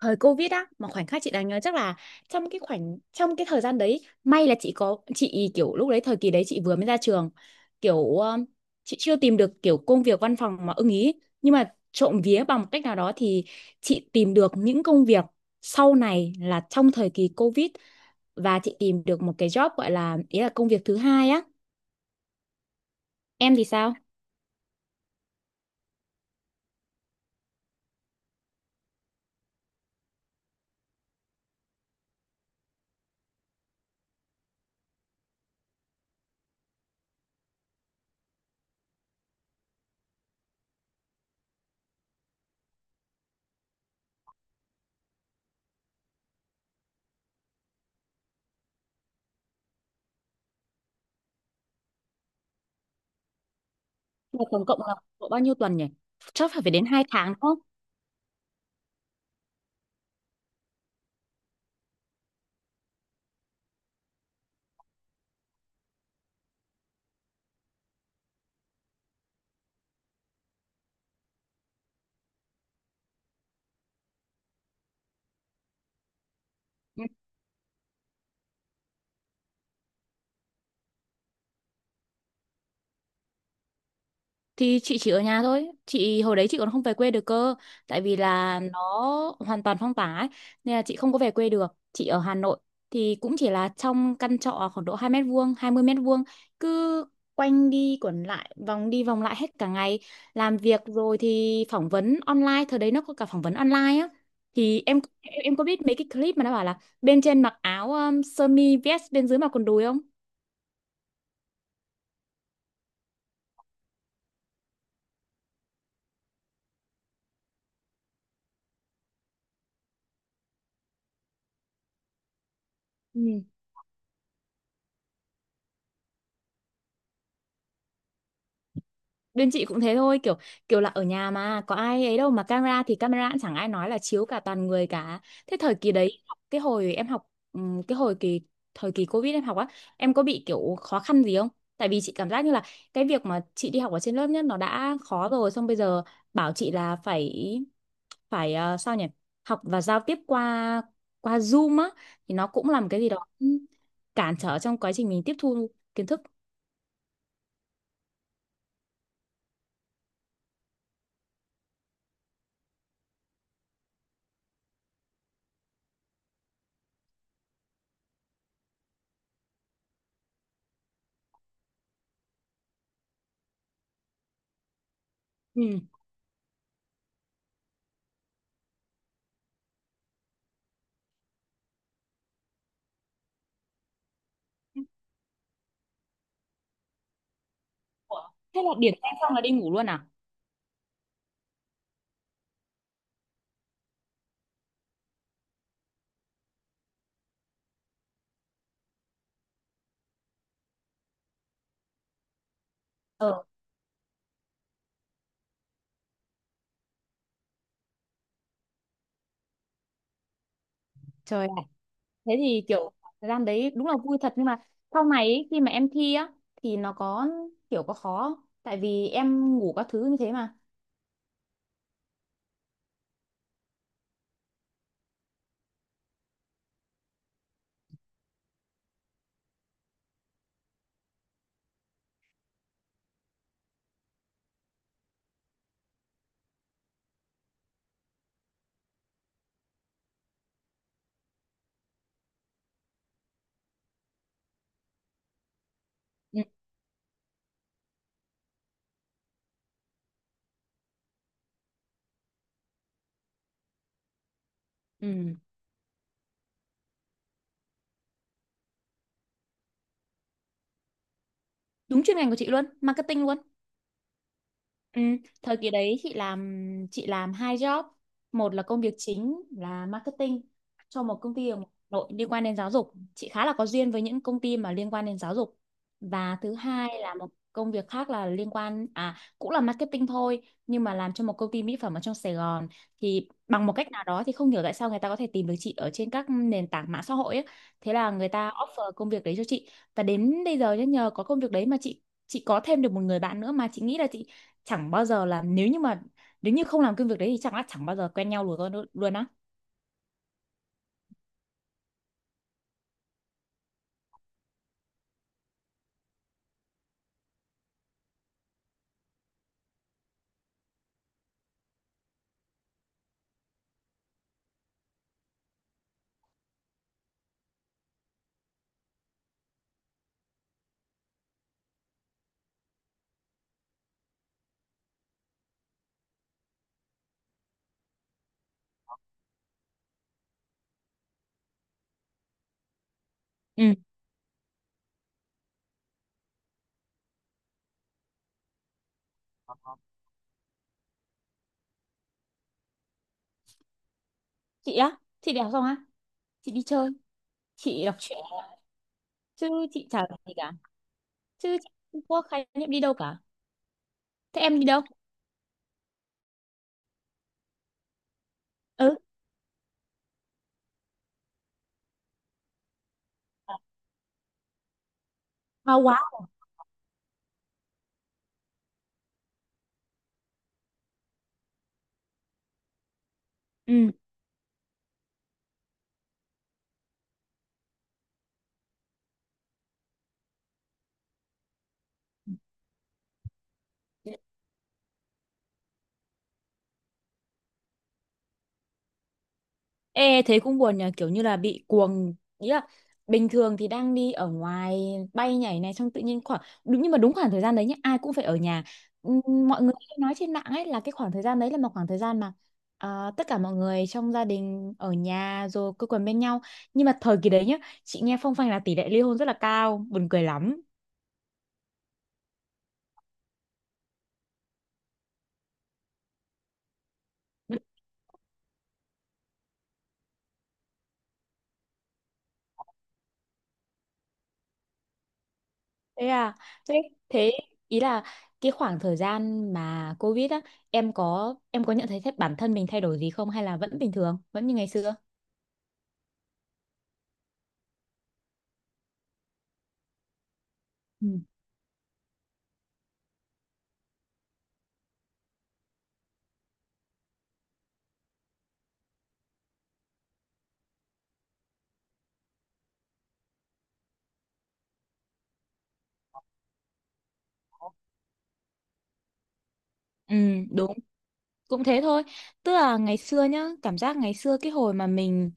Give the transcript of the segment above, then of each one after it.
Thời Covid á mà khoảnh khắc chị đáng nhớ chắc là trong cái thời gian đấy, may là chị có chị kiểu lúc đấy thời kỳ đấy chị vừa mới ra trường, kiểu chị chưa tìm được kiểu công việc văn phòng mà ưng ý. Nhưng mà trộm vía bằng một cách nào đó thì chị tìm được những công việc sau này là trong thời kỳ Covid, và chị tìm được một cái job gọi là ý là công việc thứ hai á. Em thì sao? Là tổng cộng là độ bao nhiêu tuần nhỉ, chắc phải phải đến 2 tháng đúng không? Thì chị chỉ ở nhà thôi, chị hồi đấy chị còn không về quê được cơ, tại vì là nó hoàn toàn phong tỏa ấy, nên là chị không có về quê được. Chị ở Hà Nội thì cũng chỉ là trong căn trọ khoảng độ 2 mét vuông, 20 mét vuông, cứ quanh đi quẩn lại, vòng đi vòng lại hết cả ngày, làm việc rồi thì phỏng vấn online, thời đấy nó có cả phỏng vấn online á. Thì em có biết mấy cái clip mà nó bảo là bên trên mặc áo sơ mi vest, bên dưới mặc quần đùi không? Ừ. Bên chị cũng thế thôi, kiểu kiểu là ở nhà mà có ai ấy đâu, mà camera thì camera cũng chẳng ai nói là chiếu cả, toàn người cả. Thế thời kỳ đấy, cái hồi em học, cái hồi kỳ thời kỳ Covid em học á, em có bị kiểu khó khăn gì không? Tại vì chị cảm giác như là cái việc mà chị đi học ở trên lớp nhất nó đã khó rồi, xong bây giờ bảo chị là phải phải sao nhỉ, học và giao tiếp qua qua Zoom á thì nó cũng làm cái gì đó cản trở trong quá trình mình tiếp thu kiến thức. Ừ. Ủa, thế là điểm danh xong là đi ngủ luôn à? Trời ạ, thế thì kiểu thời gian đấy đúng là vui thật, nhưng mà sau này ý, khi mà em thi á thì nó có kiểu có khó không? Tại vì em ngủ các thứ như thế mà. Ừ. Ừ. Đúng chuyên ngành của chị luôn, marketing luôn. Ừ, thời kỳ đấy chị làm hai job. Một là công việc chính là marketing cho một công ty ở Hà Nội liên quan đến giáo dục, chị khá là có duyên với những công ty mà liên quan đến giáo dục. Và thứ hai là một công việc khác là liên quan à cũng là marketing thôi, nhưng mà làm cho một công ty mỹ phẩm ở trong Sài Gòn. Thì bằng một cách nào đó thì không hiểu tại sao người ta có thể tìm được chị ở trên các nền tảng mạng xã hội ấy. Thế là người ta offer công việc đấy cho chị, và đến bây giờ nhá, nhờ có công việc đấy mà chị có thêm được một người bạn nữa, mà chị nghĩ là chị chẳng bao giờ là, nếu như mà nếu như không làm công việc đấy thì chẳng là chẳng bao giờ quen nhau luôn con luôn á. Ừ. Chị á, chị đi học xong á chị đi chơi, chị đọc truyện, chứ chị chả làm gì cả, chứ chị không có khái niệm đi đâu cả. Thế em đi đâu? Ừ. À, quá. Ừ. Ê, thế cũng buồn nhờ, kiểu như là bị cuồng, ý là bình thường thì đang đi ở ngoài, bay nhảy này, xong tự nhiên khoảng đúng, nhưng mà đúng khoảng thời gian đấy nhá, ai cũng phải ở nhà. Ừm, mọi người hay nói trên mạng ấy là cái khoảng thời gian đấy là một khoảng thời gian mà à, tất cả mọi người trong gia đình ở nhà rồi quây quần bên nhau, nhưng mà thời kỳ đấy nhá chị nghe phong phanh là tỷ lệ ly hôn rất là cao, buồn cười lắm. Thế à, thế thế ý là cái khoảng thời gian mà Covid á, em có nhận thấy thế- bản thân mình thay đổi gì không, hay là vẫn bình thường, vẫn như ngày xưa? Ừ, ừ, đúng, cũng thế thôi. Tức là ngày xưa nhá, cảm giác ngày xưa cái hồi mà mình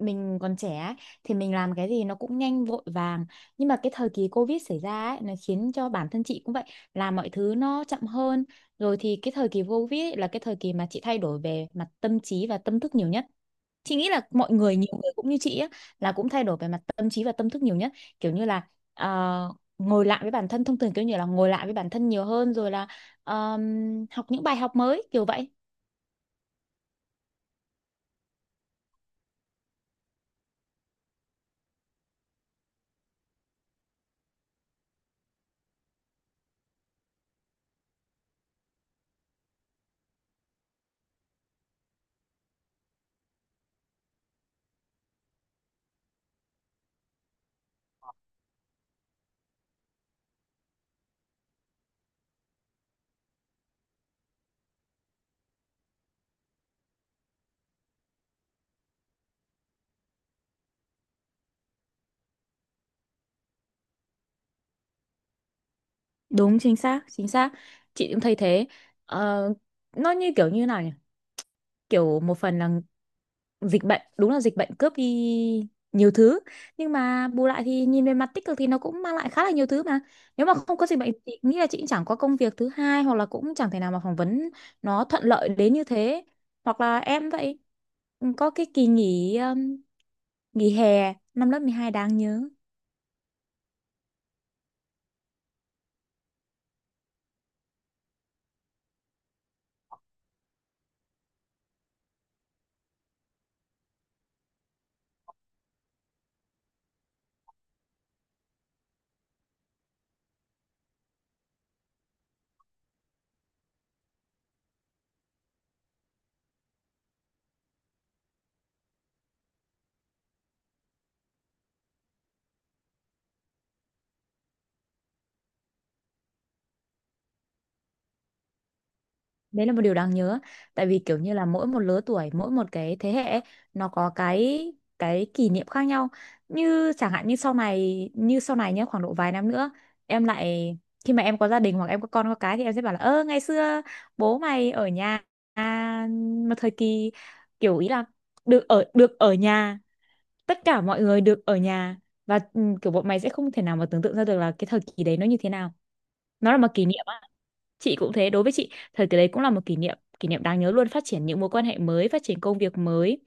mình còn trẻ ấy, thì mình làm cái gì nó cũng nhanh vội vàng. Nhưng mà cái thời kỳ Covid xảy ra ấy, nó khiến cho bản thân chị cũng vậy, làm mọi thứ nó chậm hơn. Rồi thì cái thời kỳ Covid ấy là cái thời kỳ mà chị thay đổi về mặt tâm trí và tâm thức nhiều nhất. Chị nghĩ là mọi người nhiều người cũng như chị á là cũng thay đổi về mặt tâm trí và tâm thức nhiều nhất, kiểu như là ờ, ngồi lại với bản thân thông thường, kiểu như là ngồi lại với bản thân nhiều hơn, rồi là học những bài học mới kiểu vậy. Đúng chính xác, chính xác, chị cũng thấy thế. Ờ, nó như kiểu như nào nhỉ, kiểu một phần là dịch bệnh, đúng là dịch bệnh cướp đi nhiều thứ, nhưng mà bù lại thì nhìn về mặt tích cực thì nó cũng mang lại khá là nhiều thứ, mà nếu mà không có dịch bệnh thì nghĩ là chị cũng chẳng có công việc thứ hai, hoặc là cũng chẳng thể nào mà phỏng vấn nó thuận lợi đến như thế. Hoặc là em vậy, có cái kỳ nghỉ, nghỉ hè năm lớp 12 đáng nhớ. Đấy là một điều đáng nhớ, tại vì kiểu như là mỗi một lứa tuổi mỗi một cái thế hệ ấy, nó có cái kỷ niệm khác nhau, như chẳng hạn như sau này nhé, khoảng độ vài năm nữa em lại, khi mà em có gia đình hoặc em có con có cái thì em sẽ bảo là ơ ngày xưa bố mày ở nhà, à, một thời kỳ kiểu ý là được ở nhà, tất cả mọi người được ở nhà, và ừ, kiểu bọn mày sẽ không thể nào mà tưởng tượng ra được là cái thời kỳ đấy nó như thế nào. Nó là một kỷ niệm á. Chị cũng thế, đối với chị thời kỳ đấy cũng là một kỷ niệm đáng nhớ luôn, phát triển những mối quan hệ mới, phát triển công việc mới.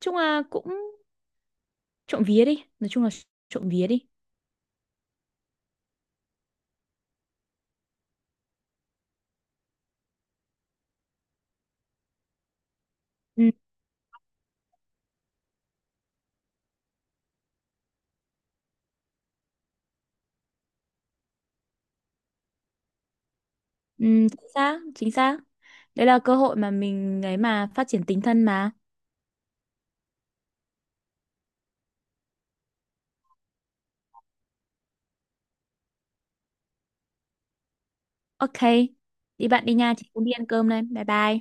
Chung là cũng, trộm vía đi, nói chung là trộm vía đi. Ừ, ừ, chính xác, chính xác. Đấy là cơ hội mà mình ấy mà phát triển tính thân mà. Ok, đi bạn đi nha, chị cũng đi ăn cơm đây. Bye bye.